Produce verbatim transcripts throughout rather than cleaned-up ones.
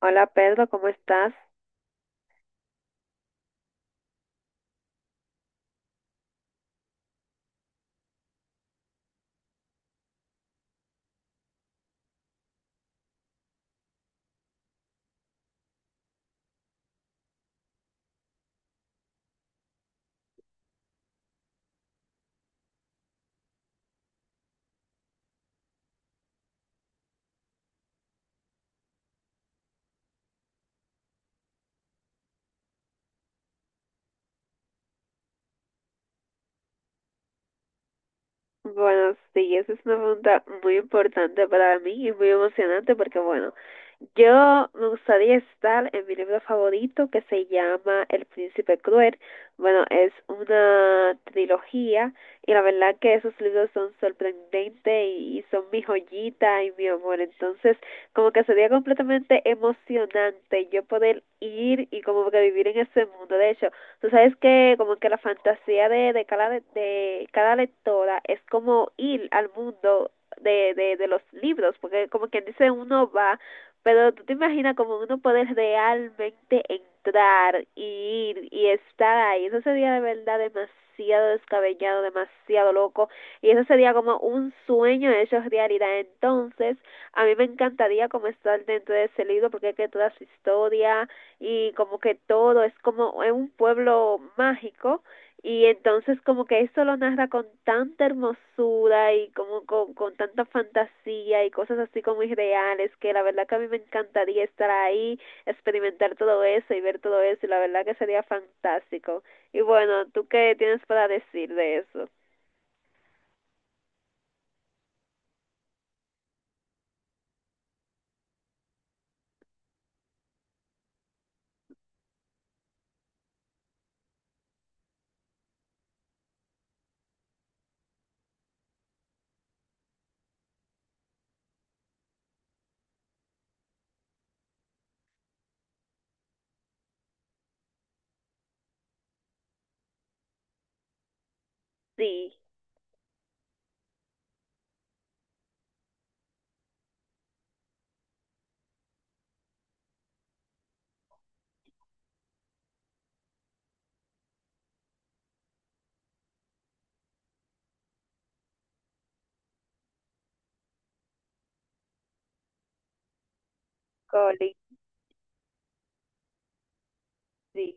Hola Pedro, ¿cómo estás? Bueno, sí, esa es una pregunta muy importante para mí y muy emocionante porque, bueno, yo me gustaría estar en mi libro favorito que se llama El Príncipe Cruel. Bueno, es una trilogía y la verdad que esos libros son sorprendentes y, y son mi joyita y mi amor. Entonces, como que sería completamente emocionante yo poder ir y como que vivir en ese mundo. De hecho, tú sabes que como que la fantasía de, de, cada, de cada lectora es como ir al mundo de, de, de los libros, porque como quien dice, uno va, pero tú te imaginas como uno poder realmente entrar y ir y estar ahí. Eso sería de verdad demasiado descabellado, demasiado loco. Y eso sería como un sueño hecho realidad. Entonces, a mí me encantaría como estar dentro de ese libro, porque es que toda su historia y como que todo es como es un pueblo mágico, y entonces como que esto lo narra con tanta hermosura y como con, con tanta fantasía y cosas así como irreales, que la verdad que a mí me encantaría estar ahí, experimentar todo eso y ver todo eso, y la verdad que sería fantástico. Y bueno, ¿tú qué tienes para decir de eso? Sí, Colin, sí.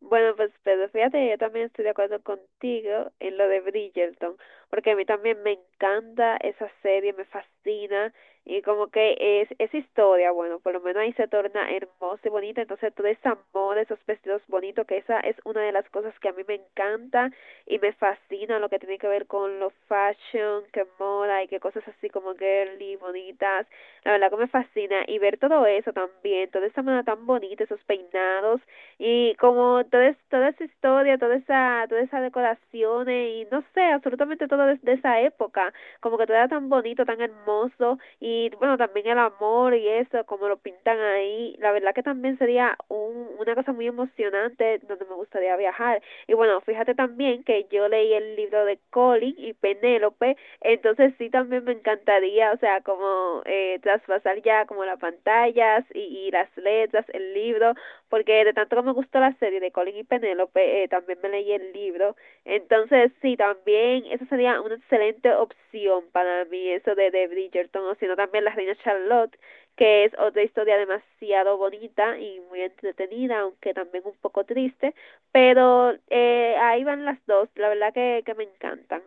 Bueno, pues Pedro, fíjate, yo también estoy de acuerdo contigo en lo de Bridgerton, porque a mí también me encanta esa serie, me fascina, y como que es, es historia, bueno, por lo menos ahí se torna hermosa y bonita, entonces todo ese amor, esos vestidos bonitos, que esa es una de las cosas que a mí me encanta y me fascina lo que tiene que ver con lo fashion, que moda y que cosas así como girly, bonitas, la verdad que me fascina, y ver todo eso también, toda esa moda tan bonita, esos peinados y como todo es- toda esa historia, toda esa, toda esa decoración y no sé, absolutamente todo de, de esa época, como que todo era tan bonito, tan hermoso y bueno, también el amor y eso, como lo pintan ahí, la verdad que también sería un, una cosa muy emocionante donde me gustaría viajar. Y bueno, fíjate también que yo leí el libro de Colin y Penélope, entonces sí también me encantaría, o sea, como eh, traspasar ya como las pantallas y, y las letras, el libro, porque de tanto que me gustó la serie de Colin y Penélope, eh, también me leí el libro. Entonces, sí, también esa sería una excelente opción para mí, eso de, de Bridgerton, o sino también La Reina Charlotte, que es otra historia demasiado bonita y muy entretenida, aunque también un poco triste, pero eh, ahí van las dos, la verdad que, que me encantan.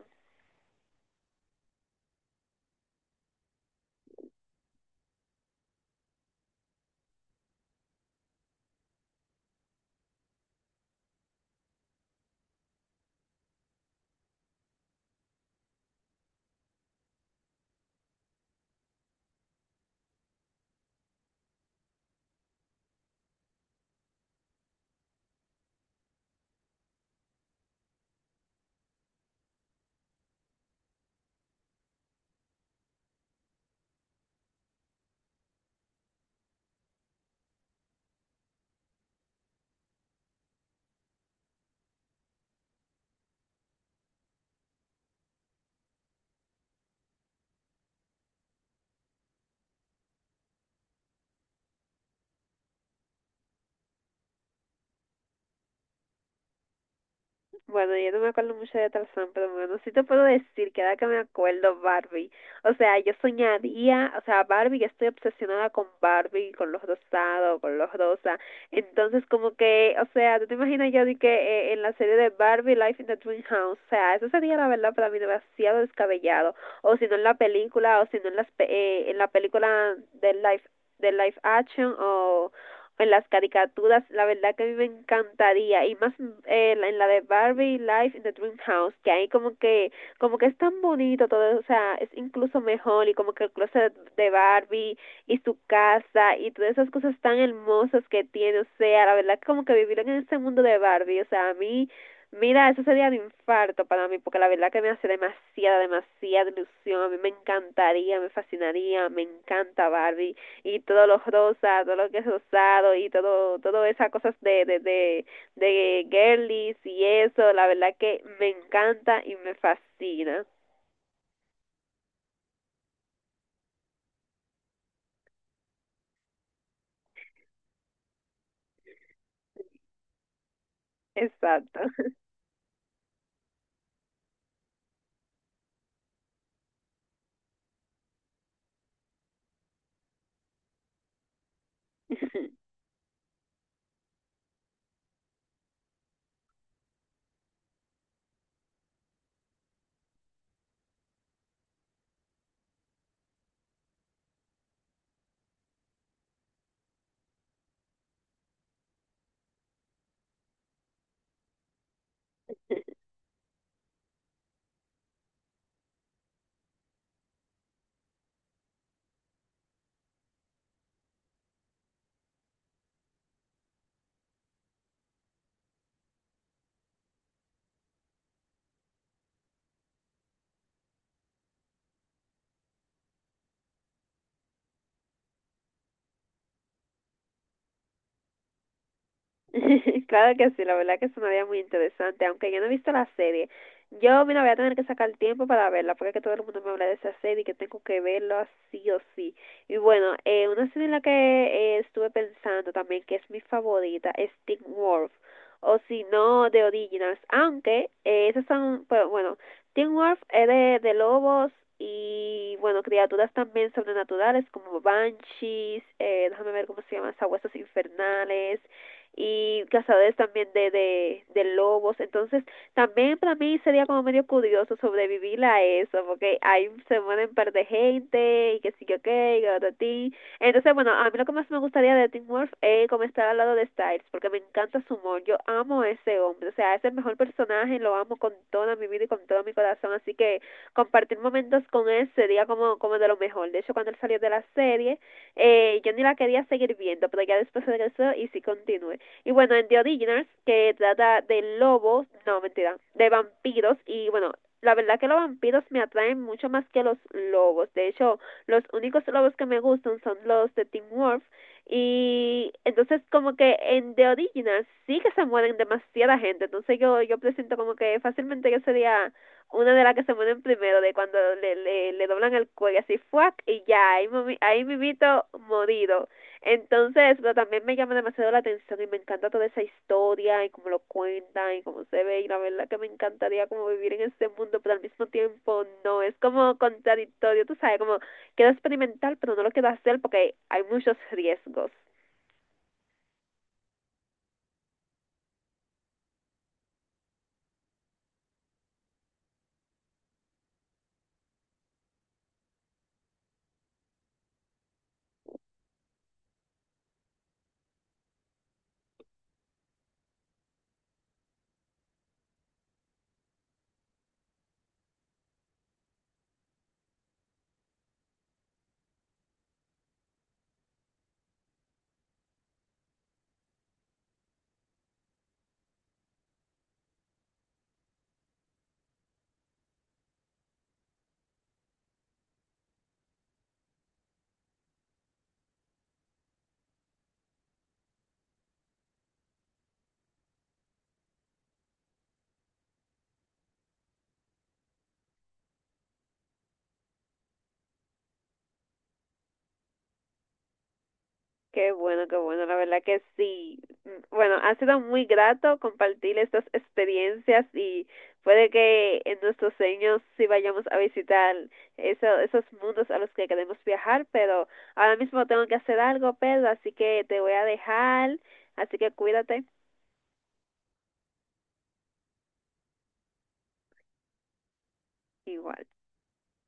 Bueno, yo no me acuerdo mucho de Tarzán, pero bueno, sí te puedo decir que ahora que me acuerdo, Barbie. O sea, yo soñaría, o sea, Barbie, yo estoy obsesionada con Barbie, con los rosados, con los rosa. Entonces, como que, o sea, tú te imaginas yo de que eh, en la serie de Barbie, Life in the Dream House, o sea, eso sería la verdad para mí demasiado descabellado. O si no en la película, o si no en, las, pe- eh, en la película de Life, de Life Action, o pues las caricaturas, la verdad que a mí me encantaría y más, eh, en la de Barbie Life in the Dream House, que ahí como que como que es tan bonito todo, o sea, es incluso mejor y como que el closet de Barbie y su casa y todas esas cosas tan hermosas que tiene, o sea, la verdad que como que vivir en este mundo de Barbie, o sea, a mí. Mira, eso sería un infarto para mí, porque la verdad que me hace demasiada, demasiada ilusión. A mí me encantaría, me fascinaría, me encanta Barbie y todo lo rosa, todo lo que es rosado y todo, todo esas cosas de, de, de, de girlies y eso, la verdad que me encanta y me fascina. Exacto. Claro que sí, la verdad que sonaría muy interesante, aunque yo no he visto la serie. Yo, mira, voy a tener que sacar tiempo para verla, porque es que todo el mundo me habla de esa serie y que tengo que verla sí o sí. Y bueno, eh, una serie en la que eh, estuve pensando también, que es mi favorita, es Teen Wolf, o si no, The Originals, aunque eh, esas son, pero bueno, Teen Wolf es de, de lobos y, bueno, criaturas también sobrenaturales como banshees, eh, déjame ver cómo se llaman, sabuesos infernales y cazadores también de, de, de lobos. Entonces, también para mí sería como medio curioso sobrevivir a eso, porque ahí se mueren un par de gente y que sí, que ok, garotín. Entonces, bueno, a mí lo que más me gustaría de Tim Wolf es como estar al lado de Styles, porque me encanta su humor. Yo amo a ese hombre, o sea, es el mejor personaje, lo amo con toda mi vida y con todo mi corazón. Así que compartir momentos con él sería como, como de lo mejor. De hecho, cuando él salió de la serie, eh, yo ni la quería seguir viendo, pero ya después regresó y sí continué. Y bueno, en The Originals, que trata de lobos, no, mentira, de vampiros, y bueno, la verdad que los vampiros me atraen mucho más que los lobos. De hecho, los únicos lobos que me gustan son los de Tim Wolf. Y entonces como que en The Originals sí que se mueren demasiada gente. Entonces yo, yo presento como que fácilmente yo sería una de las que se mueren primero, de cuando le, le, le doblan el cuello así, fuck, y ya, ahí, ahí mimito morido. Entonces, pero también me llama demasiado la atención y me encanta toda esa historia y cómo lo cuentan y cómo se ve y la verdad que me encantaría como vivir en este mundo, pero al mismo tiempo no, es como contradictorio, tú sabes, como quiero experimentar, pero no lo quiero hacer porque hay muchos riesgos. Qué bueno, qué bueno, la verdad que sí. Mm, bueno, ha sido muy grato compartir estas experiencias y puede que en nuestros sueños sí vayamos a visitar eso- esos mundos a los que queremos viajar, pero ahora mismo tengo que hacer algo, Pedro, así que te voy a dejar, así que cuídate igual.